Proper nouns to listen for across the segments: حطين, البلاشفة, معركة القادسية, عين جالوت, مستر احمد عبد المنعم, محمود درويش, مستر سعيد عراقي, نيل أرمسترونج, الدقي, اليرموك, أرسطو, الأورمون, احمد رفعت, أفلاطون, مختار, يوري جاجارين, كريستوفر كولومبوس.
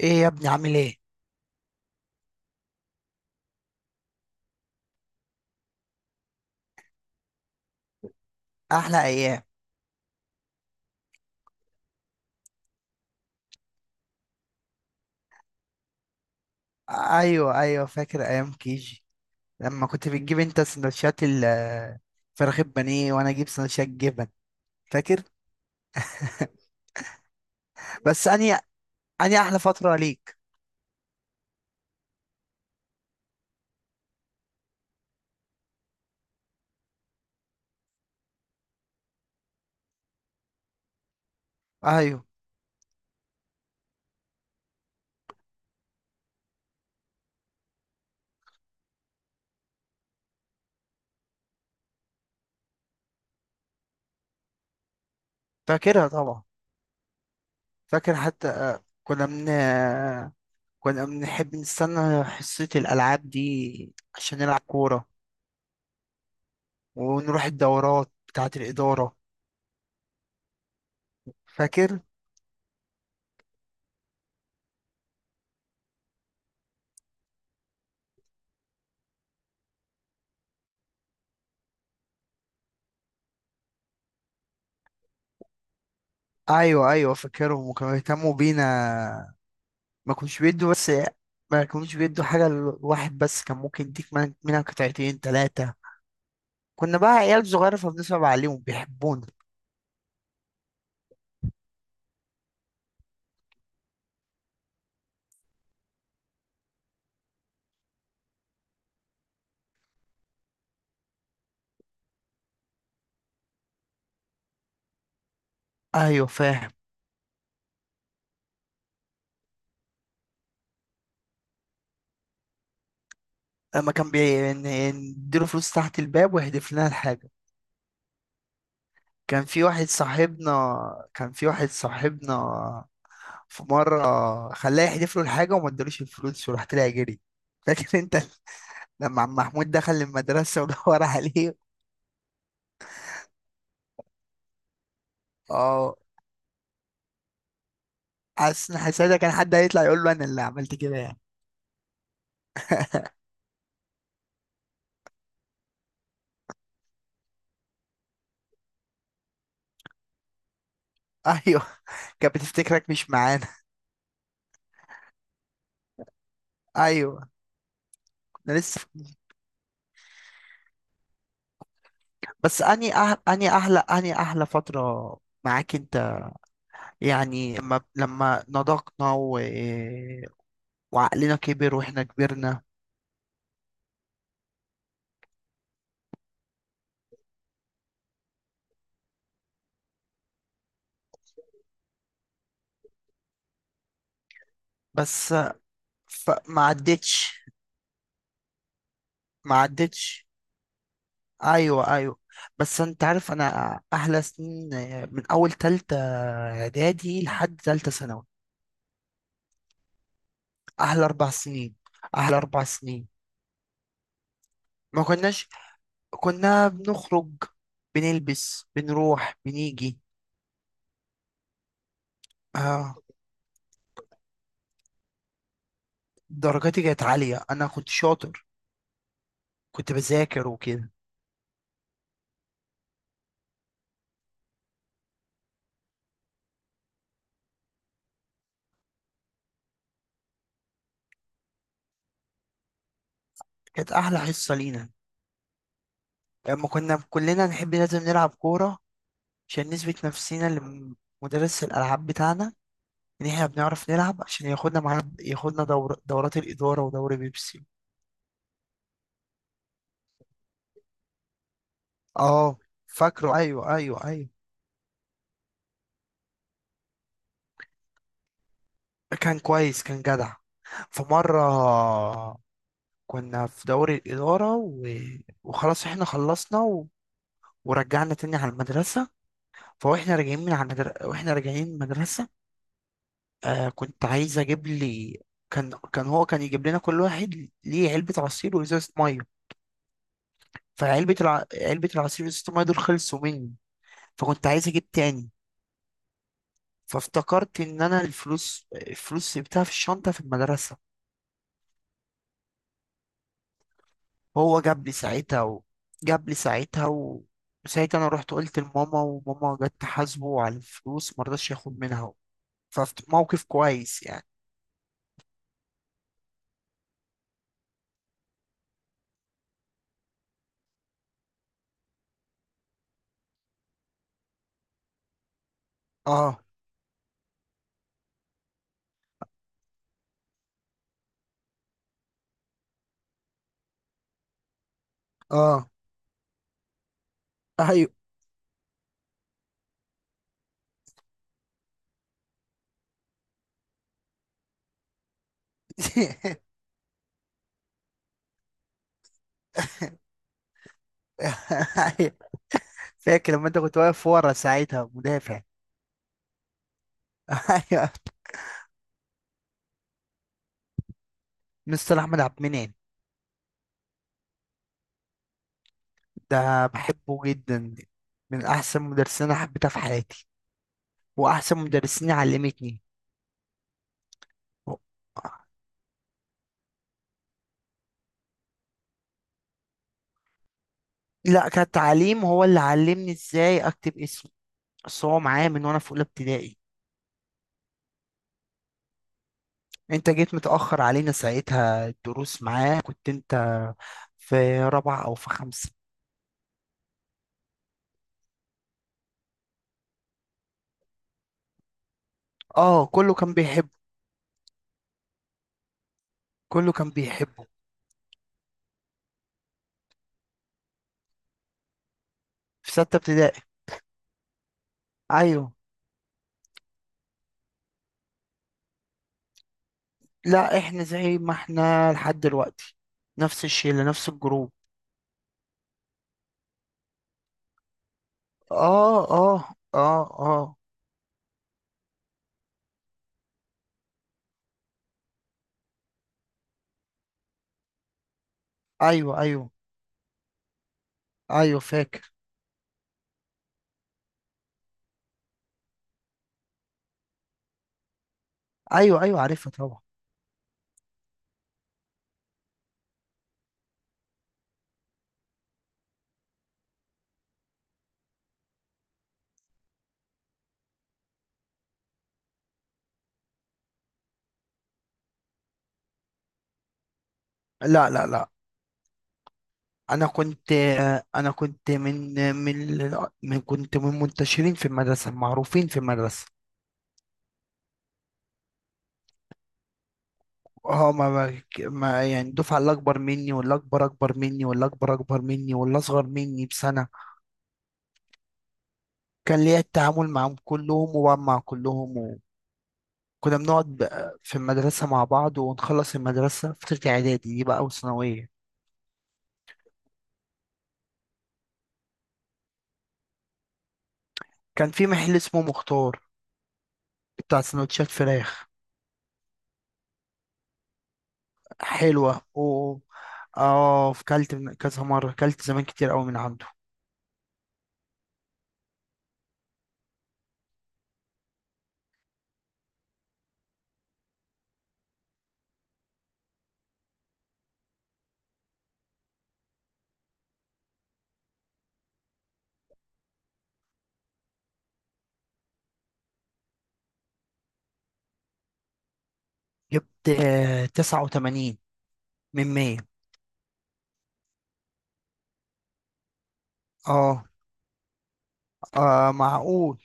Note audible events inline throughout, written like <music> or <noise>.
ايه يا ابني، عامل ايه؟ احلى ايام. ايوه، ايوه، فاكر ايام كيجي. لما كنت بتجيب انت سندوتشات فراخ البانيه وانا اجيب سندوتشات جبن. فاكر. <laughs> بس اني احلى فتره ليك. ايوه، فاكرها طبعا. فاكر حتى كنا من. كنا بنحب نستنى حصه الالعاب دي عشان نلعب كوره، ونروح الدورات بتاعه الاداره. فاكر. ايوه، ايوه، فاكرهم وكانوا يهتموا بينا. ما كانوش بيدوا بس. ما كانوش بيدوا حاجة لواحد بس، كان ممكن يديك منها قطعتين تلاتة. كنا بقى عيال صغيرة فبنصعب عليهم بيحبونا. أيوه فاهم. لما كان نديله فلوس تحت الباب ويحدف لنا الحاجة. كان في واحد صاحبنا كان في واحد صاحبنا. في مرة خلاه يحدف له الحاجة وما ادالوش الفلوس وراح طلع جري. فاكر انت لما عم محمود دخل المدرسة ودور عليه؟ اه. حاسس ان حسادة كان حد هيطلع يقول له انا اللي عملت كده يعني. ايوه. كانت بتفتكرك مش معانا. <laughs> ايوه. كنا لسه. بس اني احلى فتره معاك انت. يعني لما نضجنا وعقلنا كبر واحنا كبرنا. بس ف... ما عدتش ما عدتش. ايوه، ايوه. بس انت عارف انا احلى سنين من اول تالتة اعدادي لحد تالتة ثانوي. احلى 4 سنين. احلى اربع سنين. ما كناش. كنا بنخرج، بنلبس، بنروح، بنيجي. اه، درجاتي كانت عالية، أنا كنت شاطر. كنت بذاكر وكده. كانت أحلى حصة لينا لما كنا كلنا نحب، لازم نلعب كورة عشان نثبت نفسينا لمدرس الألعاب بتاعنا إن إحنا بنعرف نلعب، عشان ياخدنا معانا، ياخدنا دورات الإدارة ودوري بيبسي. اه فاكره، أيوه، أيوه، أيوه. كان كويس، كان جدع. في مرة كنا في دوري الإدارة وخلاص إحنا خلصنا ورجعنا تاني على المدرسة. فواحنا راجعين من على مدر... واحنا راجعين من المدرسة. كنت عايز اجيب لي. كان هو كان يجيب لنا كل واحد ليه علبة عصير وازازة مية. علبة العصير وازازة المية دول خلصوا مني، فكنت عايز اجيب تاني. فافتكرت ان انا الفلوس سبتها في الشنطة في المدرسة. هو جاب لي ساعتها و... جاب لي ساعتها و... وساعتها انا رحت قلت لماما، وماما جت تحاسبه على الفلوس مرضاش ياخد منها. فموقف كويس يعني. اه، اه، ايوه. <laughs> <laughs> أيوة. فاكر لما انت كنت واقف ورا ساعتها مدافع. <laughs> ايوه. مستر احمد عبد المنعم؟ ده بحبه جدا. من احسن مدرسين انا حبيتها في حياتي، واحسن مدرسين علمتني. لا، كتعليم هو اللي علمني ازاي اكتب اسمي. بس هو معايا من وانا في اولى ابتدائي. انت جيت متاخر علينا، ساعتها الدروس معاه كنت انت في رابعه او في خمسه. اه كله كان بيحبه. كله كان بيحبه. في سته ابتدائي. ايوه. لا احنا زي ما احنا لحد دلوقتي. نفس الشله، نفس الجروب. اه، اه، اه، اه. ايوه، ايوه، ايوه، فاكر. ايوه، ايوه، عارفها طبعا. لا، لا، لا. انا كنت انا كنت من من من كنت من منتشرين في المدرسه، معروفين في المدرسه. اه، ما ما، يعني الدفعه اللي اكبر مني، واللي اكبر اكبر مني، واللي اكبر اكبر مني، واللي اصغر مني بسنه، كان ليا التعامل معهم كلهم وبقى مع كلهم. كنا بنقعد بقى في المدرسة مع بعض، ونخلص المدرسة فترة إعدادي دي بقى وثانوية. كان في محل اسمه مختار، بتاع سندوتشات فراخ. حلوة و. اه كلت كذا مرة كلت زمان كتير أوي من عنده. جبت 89 من 100. اه، معقول.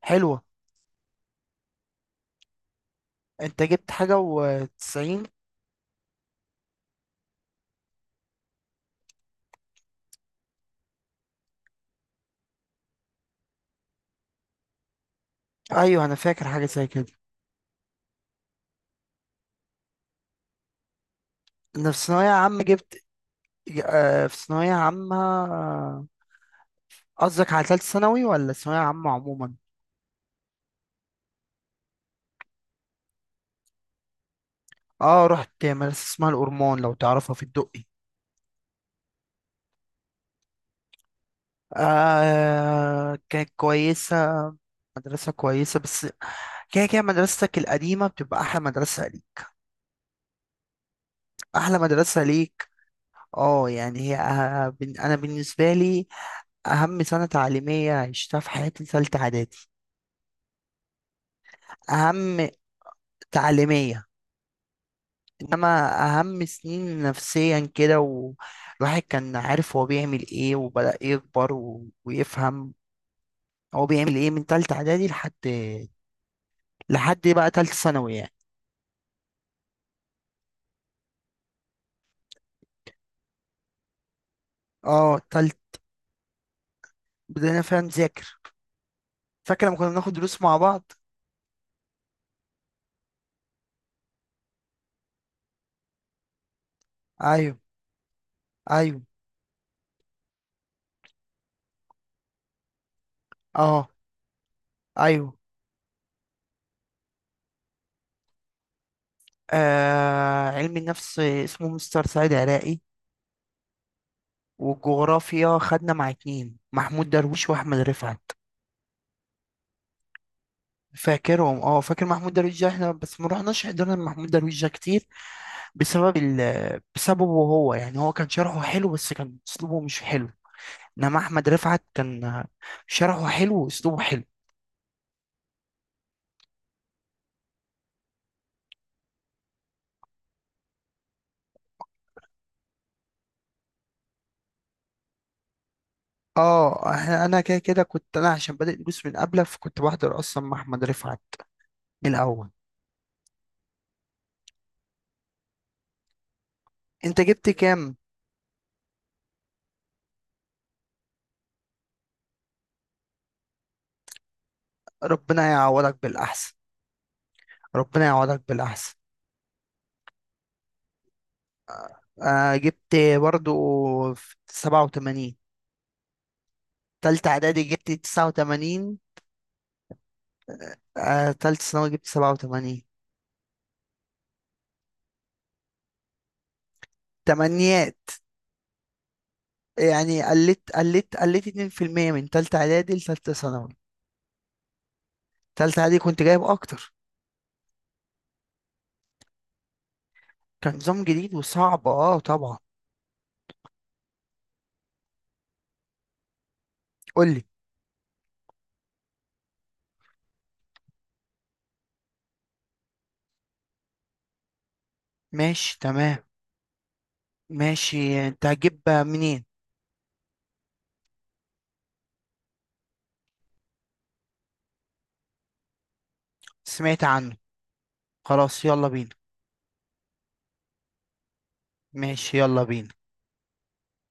حلوة. انت جبت حاجة وتسعين. أيوه أنا فاكر حاجة زي كده. أنا في ثانوية عامة جبت. في ثانوية عامة. قصدك على تالتة ثانوي ولا ثانوية عامة عموما؟ اه رحت مدرسة اسمها الأورمون لو تعرفها في الدقي. كانت كويسة. مدرسة كويسة، بس كده كده مدرستك القديمة بتبقى أحلى مدرسة ليك. أحلى مدرسة ليك. اه يعني هي أنا بالنسبة لي أهم سنة تعليمية عشتها في حياتي تالتة إعدادي. أهم تعليمية إنما أهم سنين نفسيا كده، والواحد كان عارف هو بيعمل إيه وبدأ يكبر ويفهم هو بيعمل ايه من تالتة اعدادي لحد بقى تالتة ثانوي يعني. اه تالت. بدأنا فعلا نذاكر. فاكر لما كنا بناخد دروس مع بعض. ايوه، ايوه، اه ايوه. علم النفس اسمه مستر سعيد عراقي. والجغرافيا خدنا مع اتنين: محمود درويش واحمد رفعت. فاكرهم، اه فاكر محمود درويش ده احنا بس ما رحناش، حضرنا محمود درويش ده كتير بسبب بسببه هو، يعني هو كان شرحه حلو بس كان اسلوبه مش حلو. انما احمد رفعت كان شرحه حلو واسلوبه حلو. اه احنا انا كده كده، كنت عشان بادئ دروس من قبله، فكنت بحضر اصلا مع احمد رفعت من الاول. انت جبت كام؟ ربنا يعوضك بالاحسن. ربنا يعوضك بالاحسن. جبت برضو في 87. تالتة اعدادي جبت 89. تالتة ثانوي جبت 87. تمنيات. يعني قلت 2% من تالتة اعدادي لتالتة ثانوي. تالتة اعدادي كنت جايب اكتر. كان نظام جديد وصعب، اه طبعا. قولي. ماشي تمام. ماشي، انت هتجيب منين؟ سمعت عنه. خلاص يلا بينا. ماشي يلا بينا.